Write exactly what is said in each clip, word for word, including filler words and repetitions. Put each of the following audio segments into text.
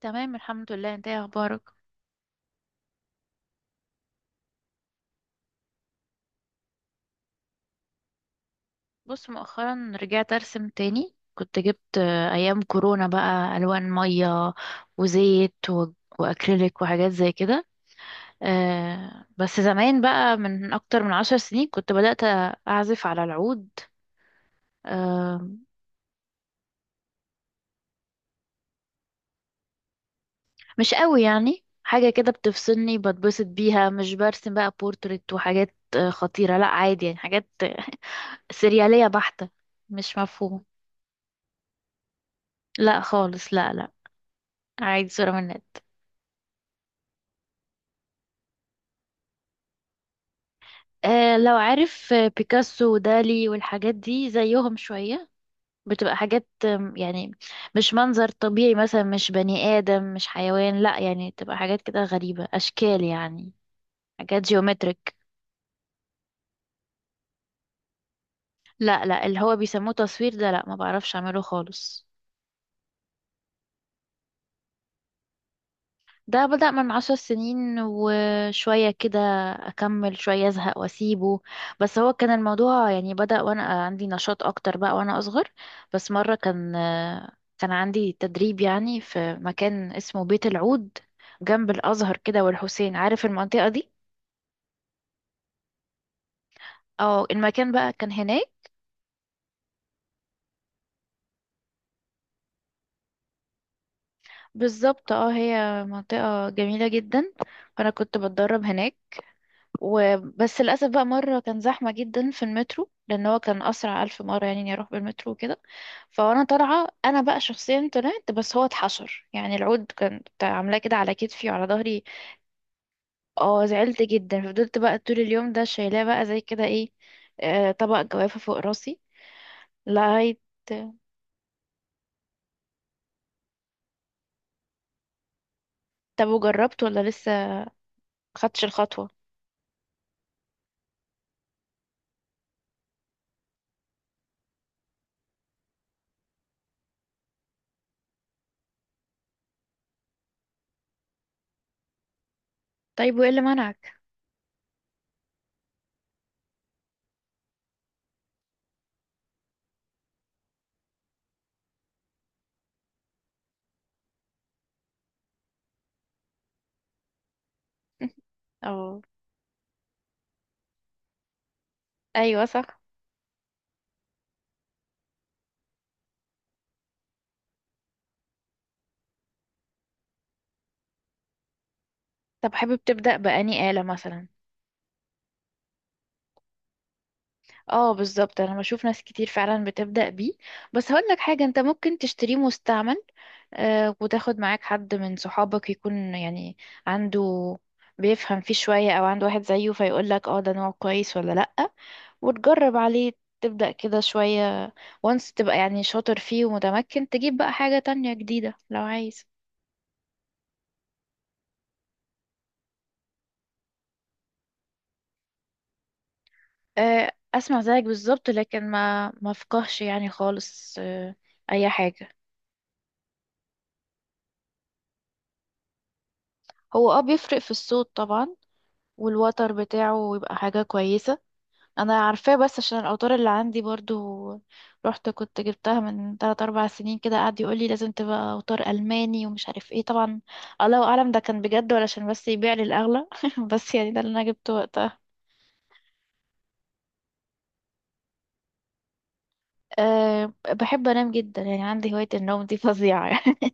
تمام، الحمد لله. انت ايه اخبارك؟ بص، مؤخرا رجعت ارسم تاني. كنت جبت آه، ايام كورونا بقى الوان ميه وزيت و... واكريليك وحاجات زي كده. آه، بس زمان بقى من اكتر من عشر سنين كنت بدأت اعزف على العود. آه، مش قوي يعني. حاجة كده بتفصلني بتبسط بيها. مش برسم بقى بورتريت وحاجات آه، خطيرة. لا عادي يعني حاجات آه، سريالية بحتة. مش مفهوم. لا خالص، لا لا. عادي، صورة من النت. آه، لو عارف آه، بيكاسو ودالي والحاجات دي زيهم شوية. بتبقى حاجات آم، يعني. مش منظر طبيعي مثلا، مش بني آدم، مش حيوان، لا يعني تبقى حاجات كده غريبة أشكال يعني. حاجات جيومتريك. لا لا، اللي هو بيسموه تصوير ده، لا، ما بعرفش أعمله خالص. ده بدأ من عشر سنين وشوية كده. أكمل شوية، أزهق وأسيبه. بس هو كان الموضوع يعني بدأ وأنا عندي نشاط أكتر بقى، وأنا أصغر. بس مرة كان كان عندي تدريب يعني في مكان اسمه بيت العود، جنب الأزهر كده والحسين. عارف المنطقة دي؟ اه، المكان بقى كان هناك. بالظبط، اه، هي منطقة جميلة جدا. فأنا كنت بتدرب هناك. وبس للأسف بقى مرة كان زحمة جدا في المترو، لأن هو كان أسرع ألف مرة يعني إني أروح بالمترو وكده. فأنا طالعة، أنا بقى شخصيا طلعت، بس هو اتحشر يعني. العود كان عاملاه كده على كتفي وعلى ظهري. اه، زعلت جدا. فضلت بقى طول اليوم ده شايلاه بقى زي كده ايه، آه طبق جوافة فوق راسي لغاية. طب، وجربت ولا لسه خدتش الخطوة؟ طيب، وإيه اللي منعك؟ اه، أيوة، صح. طب، حابب تبدأ بأني آلة مثلا؟ اه، بالظبط. انا بشوف ناس كتير فعلا بتبدأ بيه. بس هقول لك حاجة، انت ممكن تشتريه مستعمل. آه، وتاخد معاك حد من صحابك يكون يعني عنده، بيفهم فيه شوية او عنده واحد زيه فيقول لك: اه، ده نوع كويس ولا لأ. وتجرب عليه، تبدأ كده شوية. وانس تبقى يعني شاطر فيه ومتمكن، تجيب بقى حاجة تانية جديدة لو عايز. آه، اسمع زيك بالظبط، لكن ما ما فقهش يعني خالص آه، اي حاجة. هو اه بيفرق في الصوت طبعا. والوتر بتاعه يبقى حاجة كويسة. أنا عارفاه. بس عشان الأوتار اللي عندي برضو، رحت كنت جبتها من تلات أربع سنين كده. قعد يقولي لازم تبقى أوتار ألماني ومش عارف ايه طبعا. الله أعلم ده كان بجد ولا عشان بس يبيع لي الأغلى. بس يعني ده اللي أنا جبته وقتها. أه، بحب أنام جدا يعني. عندي هواية النوم دي فظيعة يعني.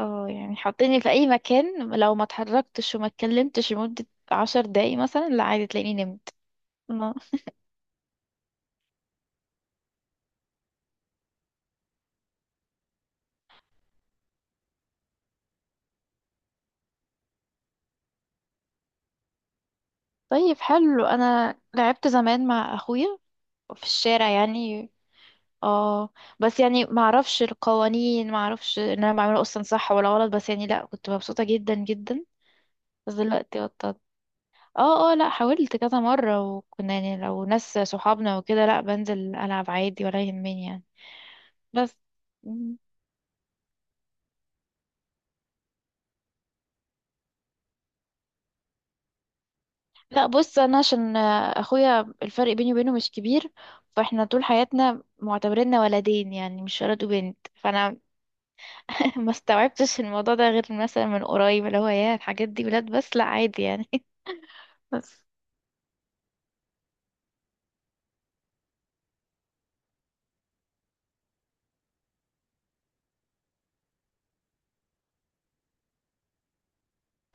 اه، يعني حطيني في أي مكان. لو ما اتحركتش وما اتكلمتش لمدة عشر دقايق مثلا، لا عادي، تلاقيني نمت. آه. طيب، حلو. أنا لعبت زمان مع أخويا في الشارع يعني. اه، بس يعني ما اعرفش القوانين، ما اعرفش ان انا بعمله اصلا صح ولا غلط، بس يعني لا، كنت مبسوطة جدا جدا. بس دلوقتي بطلت. اه، اه، لا، حاولت كذا مرة. وكنا يعني لو ناس صحابنا وكده، لا، بنزل العب عادي ولا يهمني يعني. بس. مم. لا، بص، انا عشان آه، اخويا الفرق بيني وبينه مش كبير. فاحنا طول حياتنا معتبريننا ولدين يعني، مش ولد وبنت، فانا ما استوعبتش الموضوع ده غير مثلا من قريب، اللي هو يا الحاجات دي بلاد، بس لا عادي يعني. بس.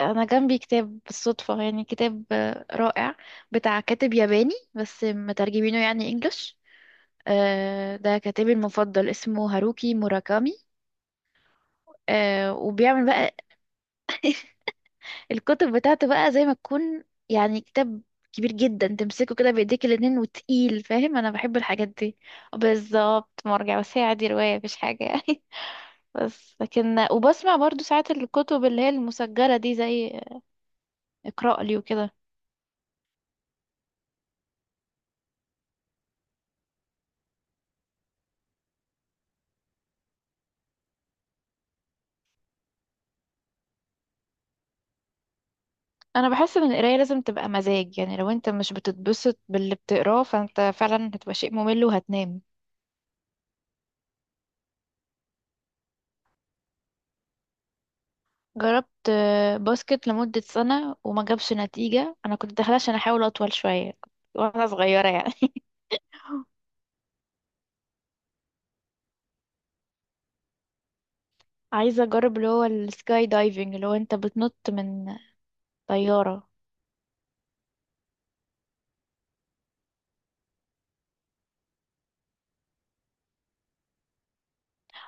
انا جنبي كتاب بالصدفة يعني. كتاب آه، رائع بتاع كاتب ياباني بس مترجمينه يعني انجلش. آه، ده كاتبي المفضل اسمه هاروكي موراكامي. آه، وبيعمل بقى الكتب بتاعته بقى زي ما تكون يعني كتاب كبير جدا، تمسكه كده بايديك الاتنين وتقيل. فاهم؟ انا بحب الحاجات دي. بالظبط مرجع. بس هي عادي رواية مفيش حاجة يعني. بس لكن وبسمع برضو ساعات الكتب اللي هي المسجلة دي، زي اقرأ لي وكده. انا بحس ان القراية لازم تبقى مزاج يعني. لو انت مش بتتبسط باللي بتقراه فانت فعلا هتبقى شيء ممل وهتنام. جربت آه، باسكت لمدة سنة وما جابش نتيجة. انا كنت داخلة عشان احاول اطول شوية، وانا صغيرة يعني. عايزة اجرب اللي هو السكاي دايفنج، اللي هو انت بتنط من طيارة.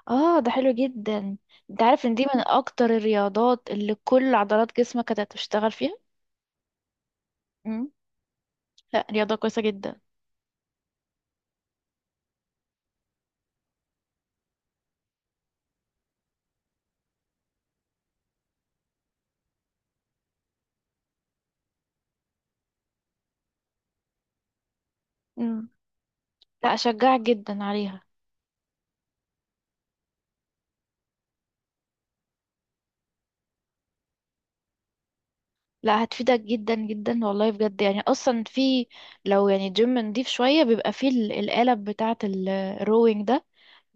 اه، ده حلو جدا. انت عارف ان دي من اكتر الرياضات اللي كل عضلات جسمك هتشتغل فيها. لا، رياضة كويسة جدا. مم. لا، أشجعك جدا عليها. لا، هتفيدك جدا جدا والله بجد يعني. أصلا في، لو يعني جيم نضيف شوية بيبقى فيه ال- القالب بتاعة ال- الروينج ده.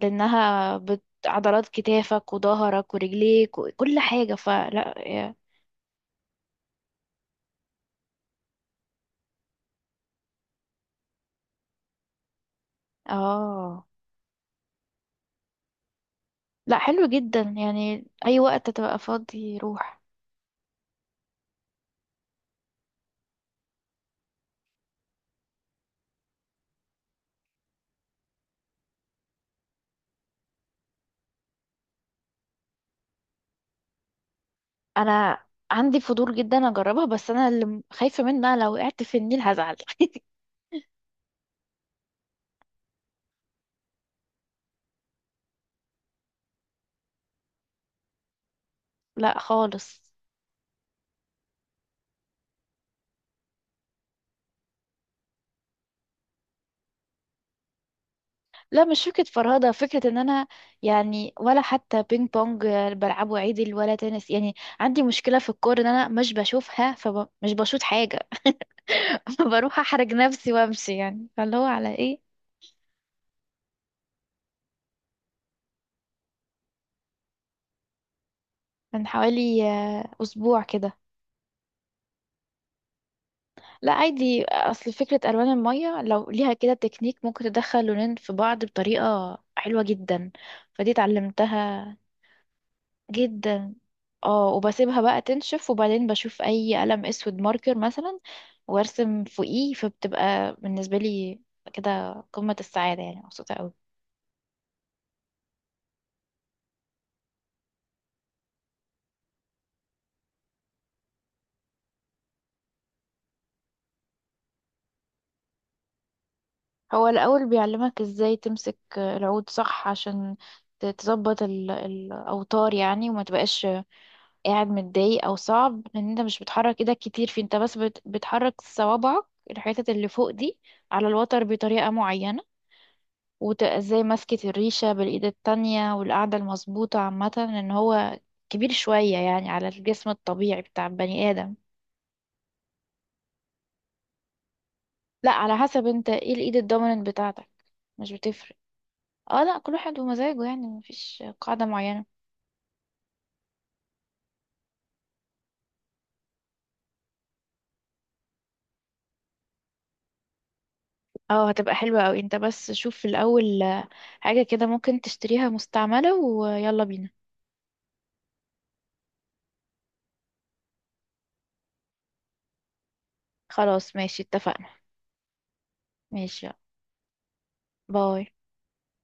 لأنها بت... عضلات كتافك وظهرك ورجليك وكل حاجة، فلا يا- اه، لا، حلو جدا يعني. أي وقت تبقى فاضي، روح. أنا عندي فضول جدا أجربها، بس أنا اللي خايفة منها لو وقعت في النيل هزعل. لا خالص. لا، مش فكرة فرهدة. فكرة ان انا يعني، ولا حتى بينج بونج بلعبه عدل ولا تنس. يعني عندي مشكلة في الكورة، ان انا مش بشوفها فمش بشوط حاجة. فبروح احرج نفسي وامشي يعني، فاللي هو على ايه. من حوالي آه، اسبوع كده. لا، عادي، اصل فكرة الوان المية لو ليها كده تكنيك ممكن تدخل لونين في بعض بطريقة حلوة جدا. فدي اتعلمتها جدا. اه، وبسيبها بقى تنشف وبعدين بشوف اي قلم اسود ماركر مثلا وارسم فوقيه. فبتبقى بالنسبة لي كده قمة السعادة يعني، مبسوطة قوي. هو الأول بيعلمك ازاي تمسك العود صح، عشان ت- تظبط ال- الأوتار يعني، وما تبقاش قاعد متضايق أو صعب، لأن انت مش بتحرك ايدك كتير، في انت بس بت- بتحرك صوابعك الحتت اللي فوق دي على الوتر بطريقة معينة. وازاي مسكت الريشة بالإيد التانية، والقعدة المظبوطة عامة، لأن هو كبير شوية يعني على الجسم الطبيعي بتاع البني آدم. لا، على حسب انت ايه الإيد الدوميننت بتاعتك. مش بتفرق. اه، لا، كل واحد ومزاجه يعني مفيش قاعدة معينة. اه، هتبقى حلوة اوي. انت بس شوف في الأول آه، حاجة كده ممكن تشتريها مستعملة، ويلا بينا. خلاص، ماشي، اتفقنا. ماشي يلا. باي.